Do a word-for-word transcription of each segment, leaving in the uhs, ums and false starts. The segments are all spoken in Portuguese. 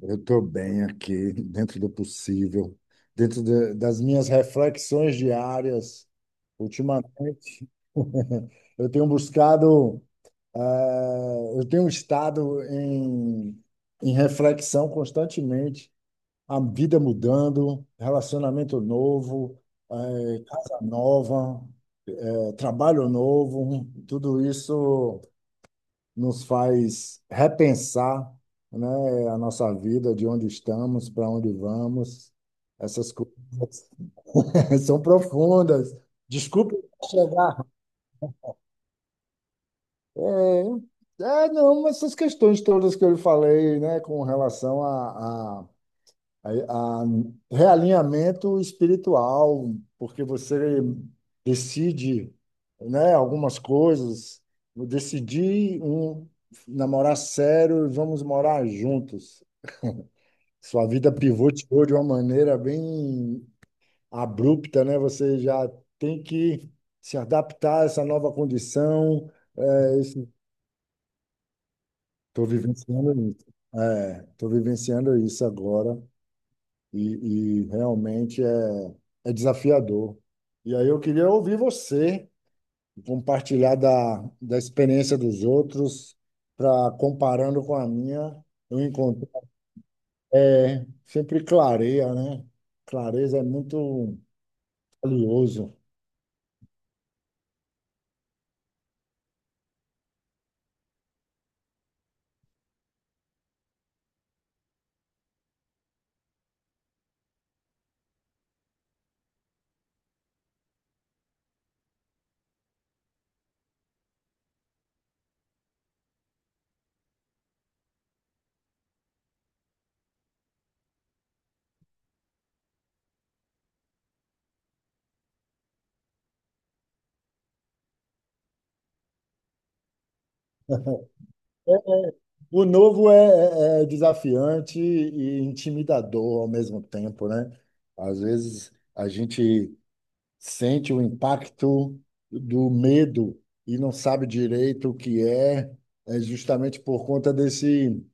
Eu estou bem aqui, dentro do possível, dentro da- das minhas reflexões diárias. Ultimamente, eu tenho buscado, eh, eu tenho estado em, em reflexão constantemente, a vida mudando, relacionamento novo, eh, casa nova, eh, trabalho novo, tudo isso nos faz repensar, né, a nossa vida, de onde estamos, para onde vamos. Essas coisas são profundas. Desculpe chegar. É, é, não, essas questões todas que eu lhe falei, né, com relação a, a a- a realinhamento espiritual, porque você decide, né, algumas coisas. Eu decidi um, namorar sério e vamos morar juntos. Sua vida pivotou de uma maneira bem abrupta, né? Você já tem que se adaptar a essa nova condição. É, estou vivenciando isso. É, estou vivenciando isso agora e, e realmente é, é desafiador. E aí eu queria ouvir você compartilhar da, da experiência dos outros para comparando com a minha, eu encontro é, sempre clareia, né? Clareza é muito valioso. O novo é, é- é desafiante e intimidador ao mesmo tempo, né? Às vezes a gente sente o impacto do medo e não sabe direito o que é, é justamente por conta desse,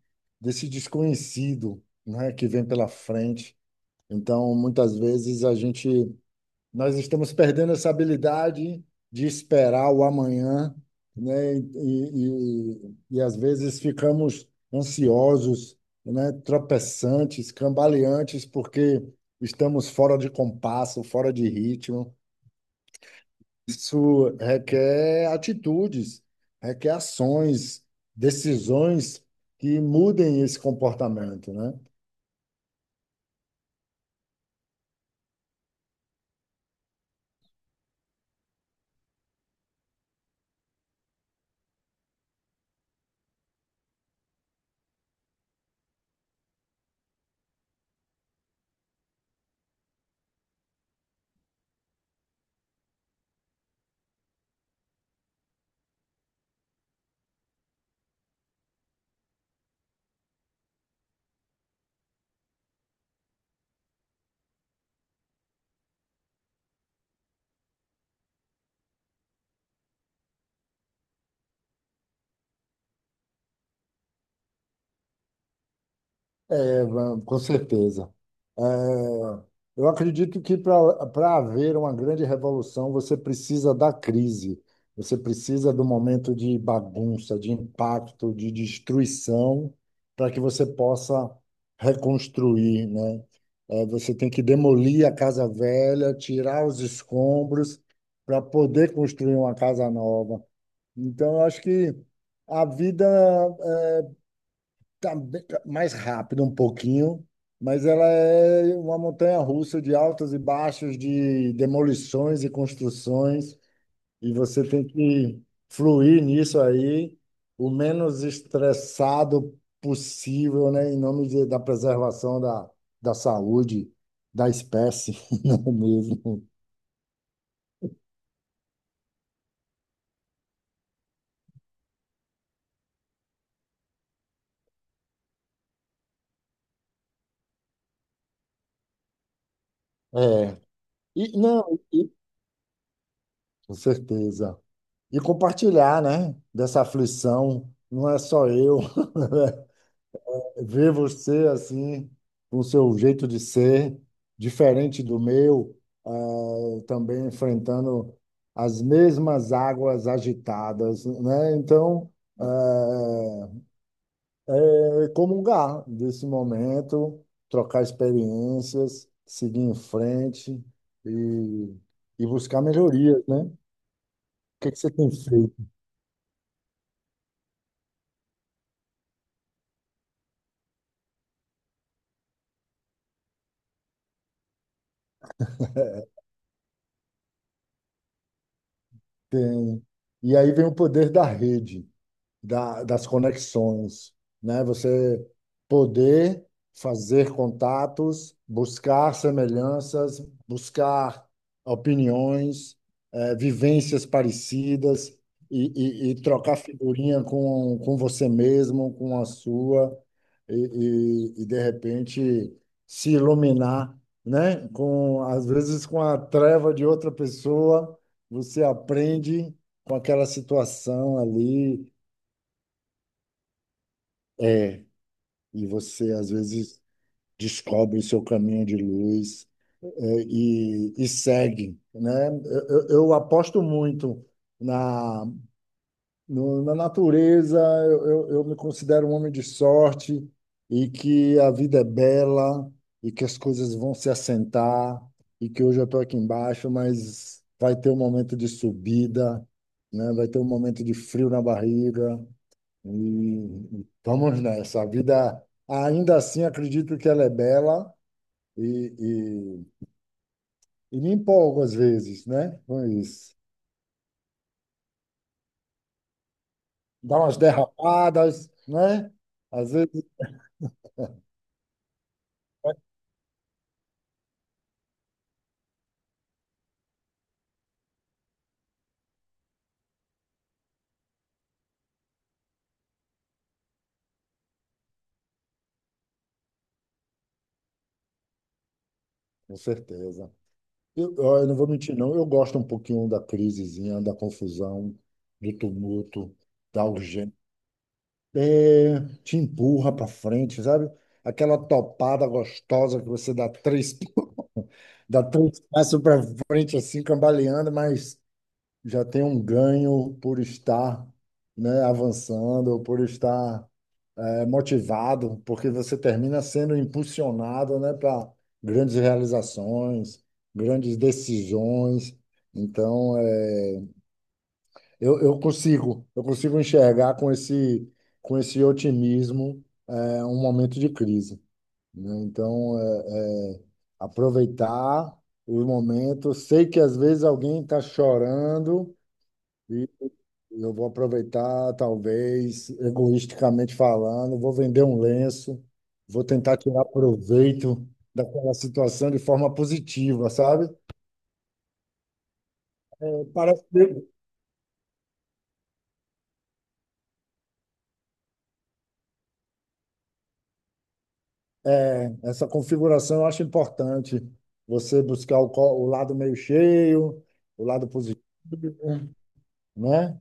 desse desconhecido, né, que vem pela frente. Então, muitas vezes a gente Nós estamos perdendo essa habilidade de esperar o amanhã, né? E, e, e às vezes ficamos ansiosos, né? Tropeçantes, cambaleantes, porque estamos fora de compasso, fora de ritmo. Isso requer atitudes, requer ações, decisões que mudem esse comportamento, né? É, va- com certeza. É, eu acredito que para haver uma grande revolução, você precisa da crise, você precisa do momento de bagunça, de impacto, de destruição, para que você possa reconstruir, né? É, você tem que demolir a casa velha, tirar os escombros para poder construir uma casa nova. Então, eu acho que a vida tá bem- tá mais rápido um pouquinho, mas ela é uma montanha russa de altos e baixos, de demolições e construções, e você tem que fluir nisso aí o menos estressado possível, né, em nome de- da preservação da, da saúde da espécie, não é mesmo? É. E, não, e, com certeza. E compartilhar, né, dessa aflição, não é só eu. Ver você assim, com o seu jeito de ser, diferente do meu, eh, também enfrentando as mesmas águas agitadas, né? Então, eh, é comungar desse momento, trocar experiências, seguir em frente e, e buscar melhorias, né? O que que você tem feito? Tem... E aí vem o poder da rede. Da- das conexões, né? Você poder fazer contatos, buscar semelhanças, buscar opiniões, eh, vivências parecidas e, e- e trocar figurinha com, com você mesmo, com a sua, e, e- e, de repente se iluminar, né? Com, às vezes com a treva de outra pessoa, você aprende com aquela situação ali é, e você às vezes descobre o seu caminho de luz é, e, e segue, né? Eu, eu- eu aposto muito na, no- na natureza, eu, eu, eu me considero um homem de sorte e que a vida é bela e que as coisas vão se assentar e que hoje eu estou aqui embaixo, mas vai ter um momento de subida, né? Vai ter um momento de frio na barriga, e vamos nessa. A vida, ainda assim, acredito que ela é bela e, e, e me empolgo às vezes, né? Com isso. Dá umas derrapadas, né? Às vezes, com certeza. Eu, ó, eu não vou mentir, não. Eu gosto um pouquinho da crisezinha, da confusão, do tumulto, da urgência. É, te empurra para frente, sabe? Aquela topada gostosa que você dá três, dá três passos para frente, assim, cambaleando, mas já tem um ganho por estar, né, avançando, por estar é, motivado, porque você termina sendo impulsionado, né, para grandes realizações, grandes decisões. Então, é, eu, eu consigo, eu consigo enxergar com esse, com esse otimismo é um momento de crise, né? Então, é, é aproveitar os momentos. Sei que às vezes alguém está chorando e eu vou aproveitar, talvez, egoisticamente falando, vou vender um lenço, vou tentar tirar proveito daquela situação de forma positiva, sabe? Parece que é, essa configuração eu acho importante. Você buscar o, co- o lado meio cheio, o lado positivo, né?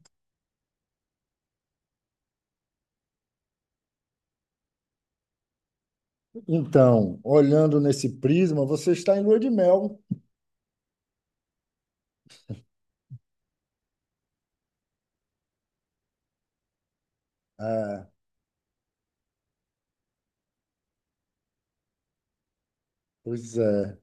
Então, olhando nesse prisma, você está em lua de mel. É, pois é.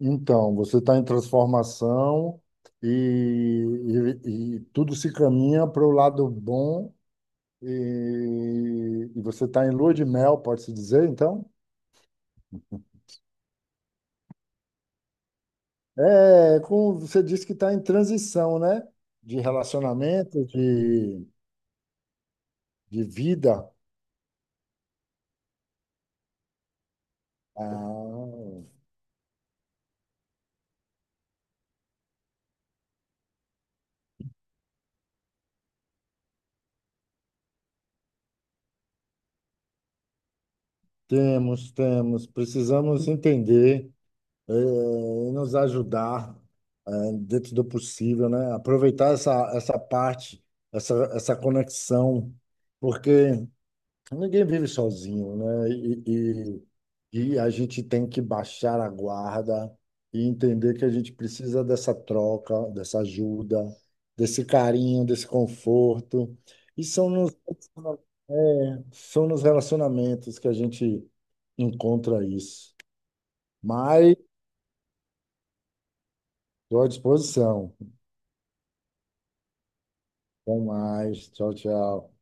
Então, você está em transformação e, e- e tudo se caminha para o lado bom e, e você está em lua de mel, pode-se dizer, então? É, como você disse que está em transição, né? De relacionamento, de, de vida. Ah, temos, temos. Precisamos entender. Eh, e nos ajudar, eh, dentro do possível, né? Aproveitar essa, essa parte, essa, essa conexão, porque ninguém vive sozinho, né? E, e, e a gente tem que baixar a guarda e entender que a gente precisa dessa troca, dessa ajuda, desse carinho, desse conforto. E são nos, é, são nos relacionamentos que a gente encontra isso. Mas estou à disposição. Até mais. Tchau, tchau.